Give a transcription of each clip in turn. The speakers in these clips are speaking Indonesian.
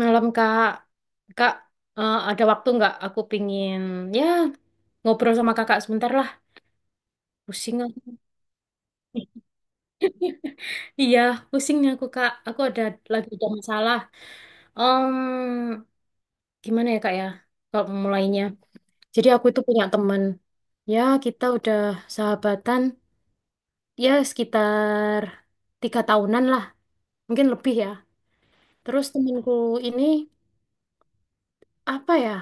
Malam Kak, Kak ada waktu nggak? Aku pingin ya ngobrol sama Kakak sebentar lah. Pusing aku. Iya, pusingnya aku Kak. Aku lagi ada masalah. Em, Gimana ya Kak ya? Kalau mulainya. Jadi aku itu punya teman. Ya kita udah sahabatan ya sekitar tiga tahunan lah, mungkin lebih ya. Terus temanku ini apa ya?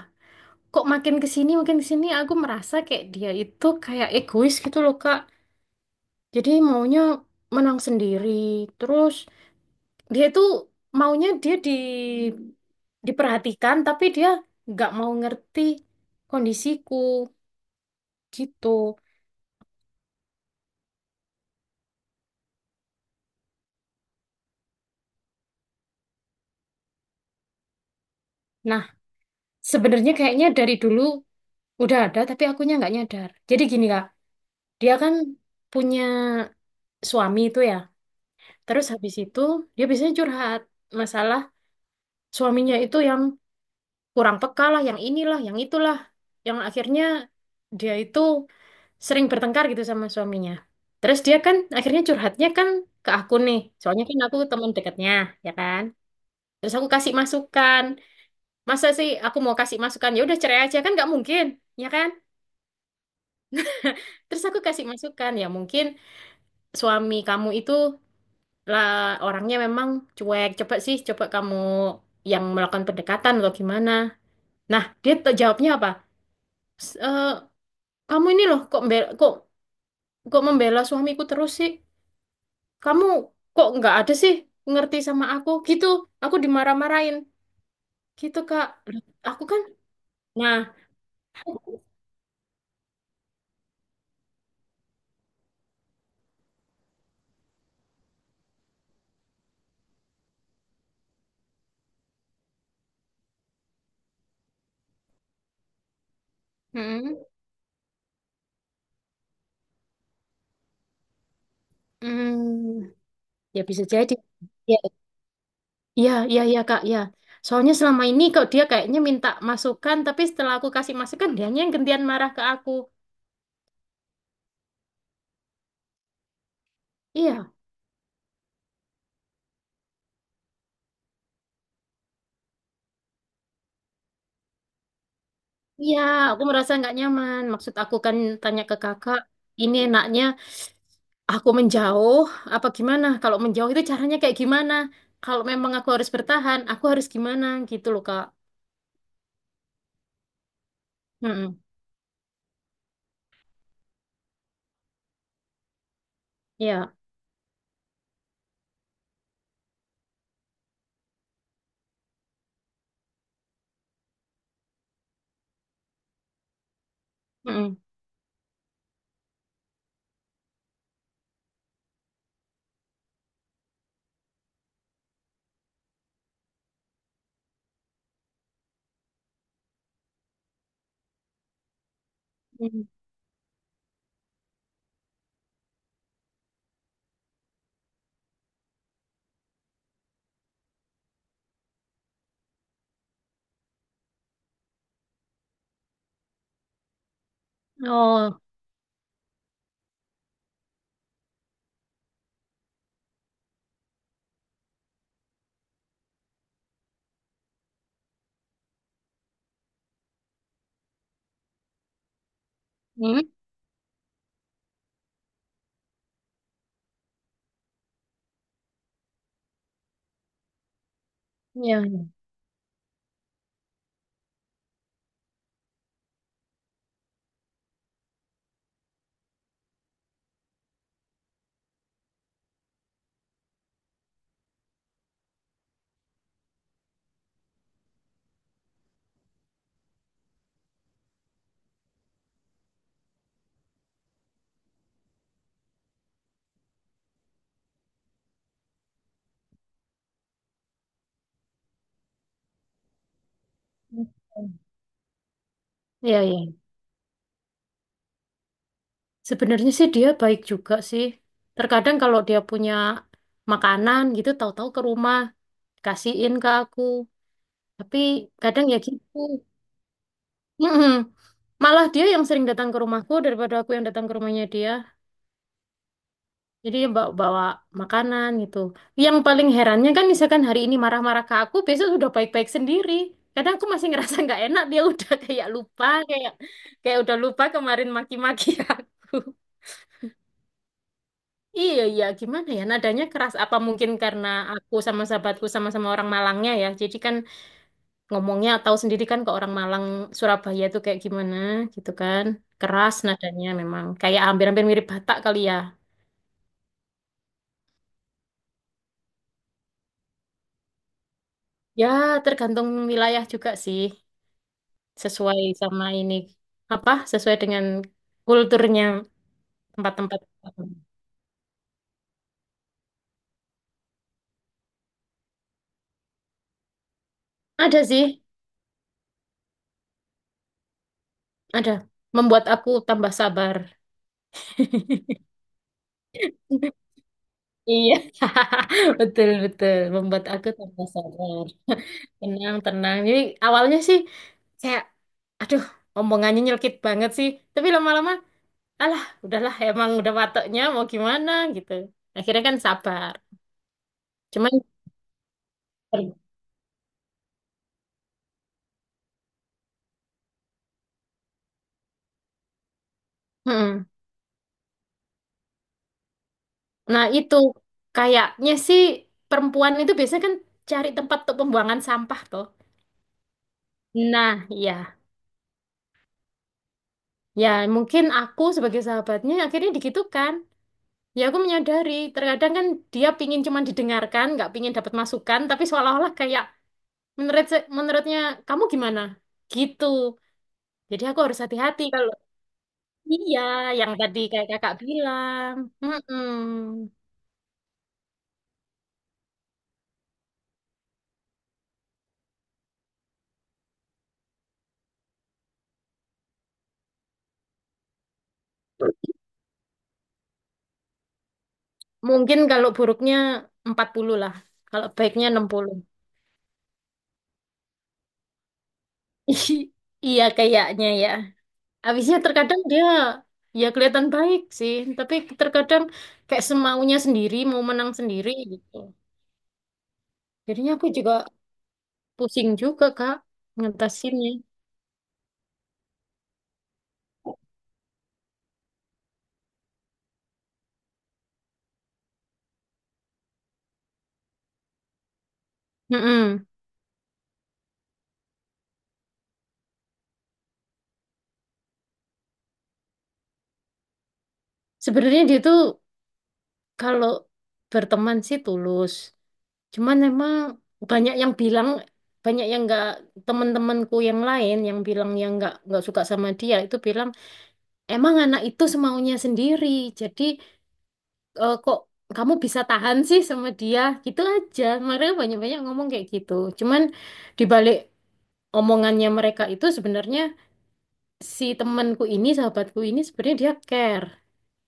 Kok makin kesini aku merasa kayak dia itu kayak egois gitu loh Kak. Jadi maunya menang sendiri. Terus dia itu maunya dia diperhatikan tapi dia nggak mau ngerti kondisiku gitu. Nah, sebenarnya kayaknya dari dulu udah ada tapi akunya nggak nyadar. Jadi gini Kak, dia kan punya suami itu ya. Terus habis itu dia biasanya curhat masalah suaminya itu yang kurang peka lah, yang inilah, yang itulah, yang akhirnya dia itu sering bertengkar gitu sama suaminya. Terus dia kan akhirnya curhatnya kan ke aku nih. Soalnya kan aku teman dekatnya, ya kan? Terus aku kasih masukan. Masa sih aku mau kasih masukan? Ya udah cerai aja kan nggak mungkin, ya kan? Terus aku kasih masukan, ya mungkin suami kamu itu lah orangnya memang cuek. Coba sih, coba kamu yang melakukan pendekatan atau gimana. Nah, jawabnya apa? S- eh, Kamu ini loh kok mbel- kok kok membela suamiku terus sih? Kamu kok nggak ada sih ngerti sama aku gitu, aku dimarah-marahin gitu Kak. Loh, aku kan nah. Mm, mm, ya bisa jadi. Ya ya ya, ya, Kak, ya, soalnya selama ini kok dia kayaknya minta masukan tapi setelah aku kasih masukan dianya yang gantian marah ke aku. Iya. Iya, aku merasa nggak nyaman. Maksud aku kan tanya ke kakak, ini enaknya aku menjauh, apa gimana? Kalau menjauh itu caranya kayak gimana? Kalau memang aku harus bertahan, aku harus gimana? Gitu loh, Kak. Mm-mm. Iya. Mm-mm. Mm. Oh. Mm. Iya. Iya. Iya, iya. Sebenarnya sih dia baik juga sih. Terkadang kalau dia punya makanan gitu, tahu-tahu ke rumah, kasihin ke aku. Tapi kadang ya gitu. Mm-mm. Malah dia yang sering datang ke rumahku daripada aku yang datang ke rumahnya dia. Jadi dia bawa makanan gitu. Yang paling herannya kan misalkan hari ini marah-marah ke aku, besok sudah baik-baik sendiri. Kadang aku masih ngerasa nggak enak, dia udah kayak lupa, kayak kayak udah lupa kemarin maki-maki aku. Iya, iya, gimana ya? Nadanya keras apa mungkin karena aku sama sahabatku sama-sama orang Malangnya ya. Jadi kan ngomongnya tahu sendiri kan ke orang Malang Surabaya itu kayak gimana gitu kan, keras nadanya memang kayak hampir-hampir mirip Batak kali ya. Ya tergantung wilayah juga sih, sesuai sama ini apa sesuai dengan kulturnya tempat-tempat. Ada sih, ada, membuat aku tambah sabar. Iya. Betul betul membuat aku tambah sabar. Tenang, tenang. Jadi awalnya sih kayak, aduh, omongannya nyelkit banget sih. Tapi lama-lama alah udahlah emang udah wataknya mau gimana gitu akhirnya kan sabar, cuman. Mm-mm. Nah itu kayaknya sih perempuan itu biasanya kan cari tempat untuk pembuangan sampah tuh. Nah, ya, ya mungkin aku sebagai sahabatnya akhirnya digitukan. Ya aku menyadari terkadang kan dia pingin cuman didengarkan nggak pingin dapat masukan tapi seolah-olah kayak menurut menurutnya kamu gimana gitu, jadi aku harus hati-hati kalau. Iya, yang tadi kayak kakak bilang. Mm-mm. Mungkin kalau buruknya 40 lah. Kalau baiknya 60. Iya kayaknya ya. Habisnya terkadang dia ya kelihatan baik sih. Tapi terkadang kayak semaunya sendiri, mau menang sendiri gitu. Jadinya aku juga pusing juga Kak ngatasinnya. Mm-mm. Sebenarnya dia tuh kalau berteman sih tulus. Cuman emang banyak yang bilang, banyak yang nggak teman-temanku yang lain yang bilang yang nggak suka sama dia itu bilang emang anak itu semaunya sendiri. Jadi eh, kok kamu bisa tahan sih sama dia? Gitu aja. Mereka banyak-banyak ngomong kayak gitu. Cuman dibalik omongannya mereka itu sebenarnya sahabatku ini sebenarnya dia care.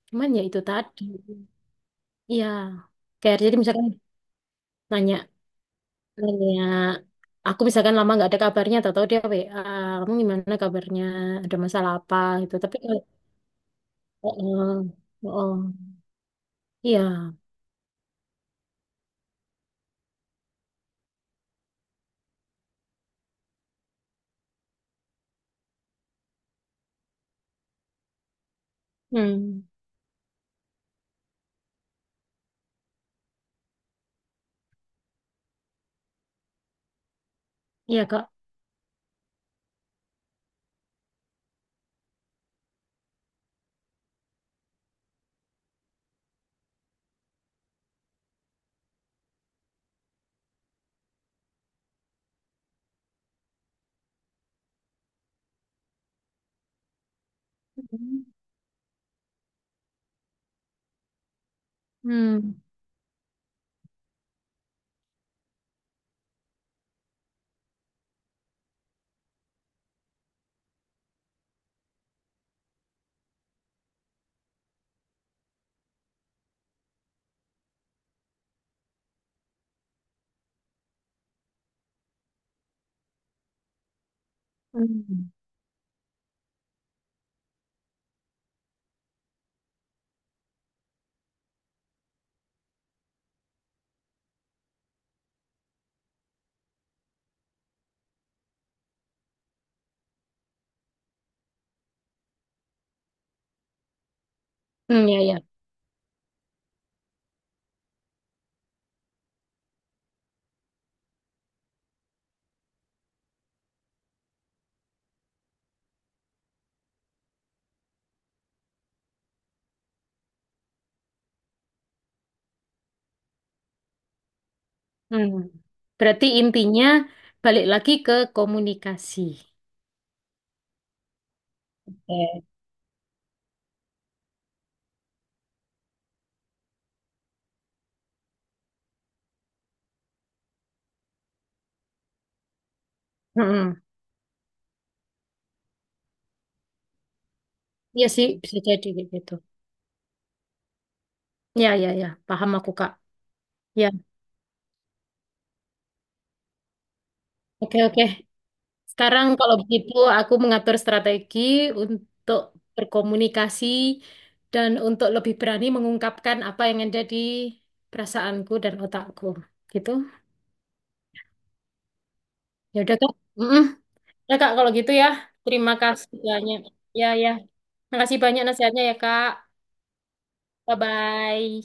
Cuman ya itu tadi. Iya, care. Jadi misalkan nanya, kayak aku misalkan lama nggak ada kabarnya, atau tahu dia WA, kamu gimana kabarnya, ada masalah apa gitu. Tapi kalau oh, oh, oh, oh, iya, hmm, iya Kak. Hmm, hmm, hmm, ya ya. Hmm. Berarti intinya balik lagi ke komunikasi. Eh, hmm, iya sih bisa jadi kayak gitu. Ya ya ya, paham aku Kak. Ya, oke oke. Sekarang kalau begitu aku mengatur strategi untuk berkomunikasi dan untuk lebih berani mengungkapkan apa yang ada di perasaanku dan otakku. Gitu. Ya udah Kak. Mm-mm. Ya Kak kalau gitu ya. Terima kasih banyak. Ya ya. Terima kasih banyak nasihatnya ya Kak. Bye bye.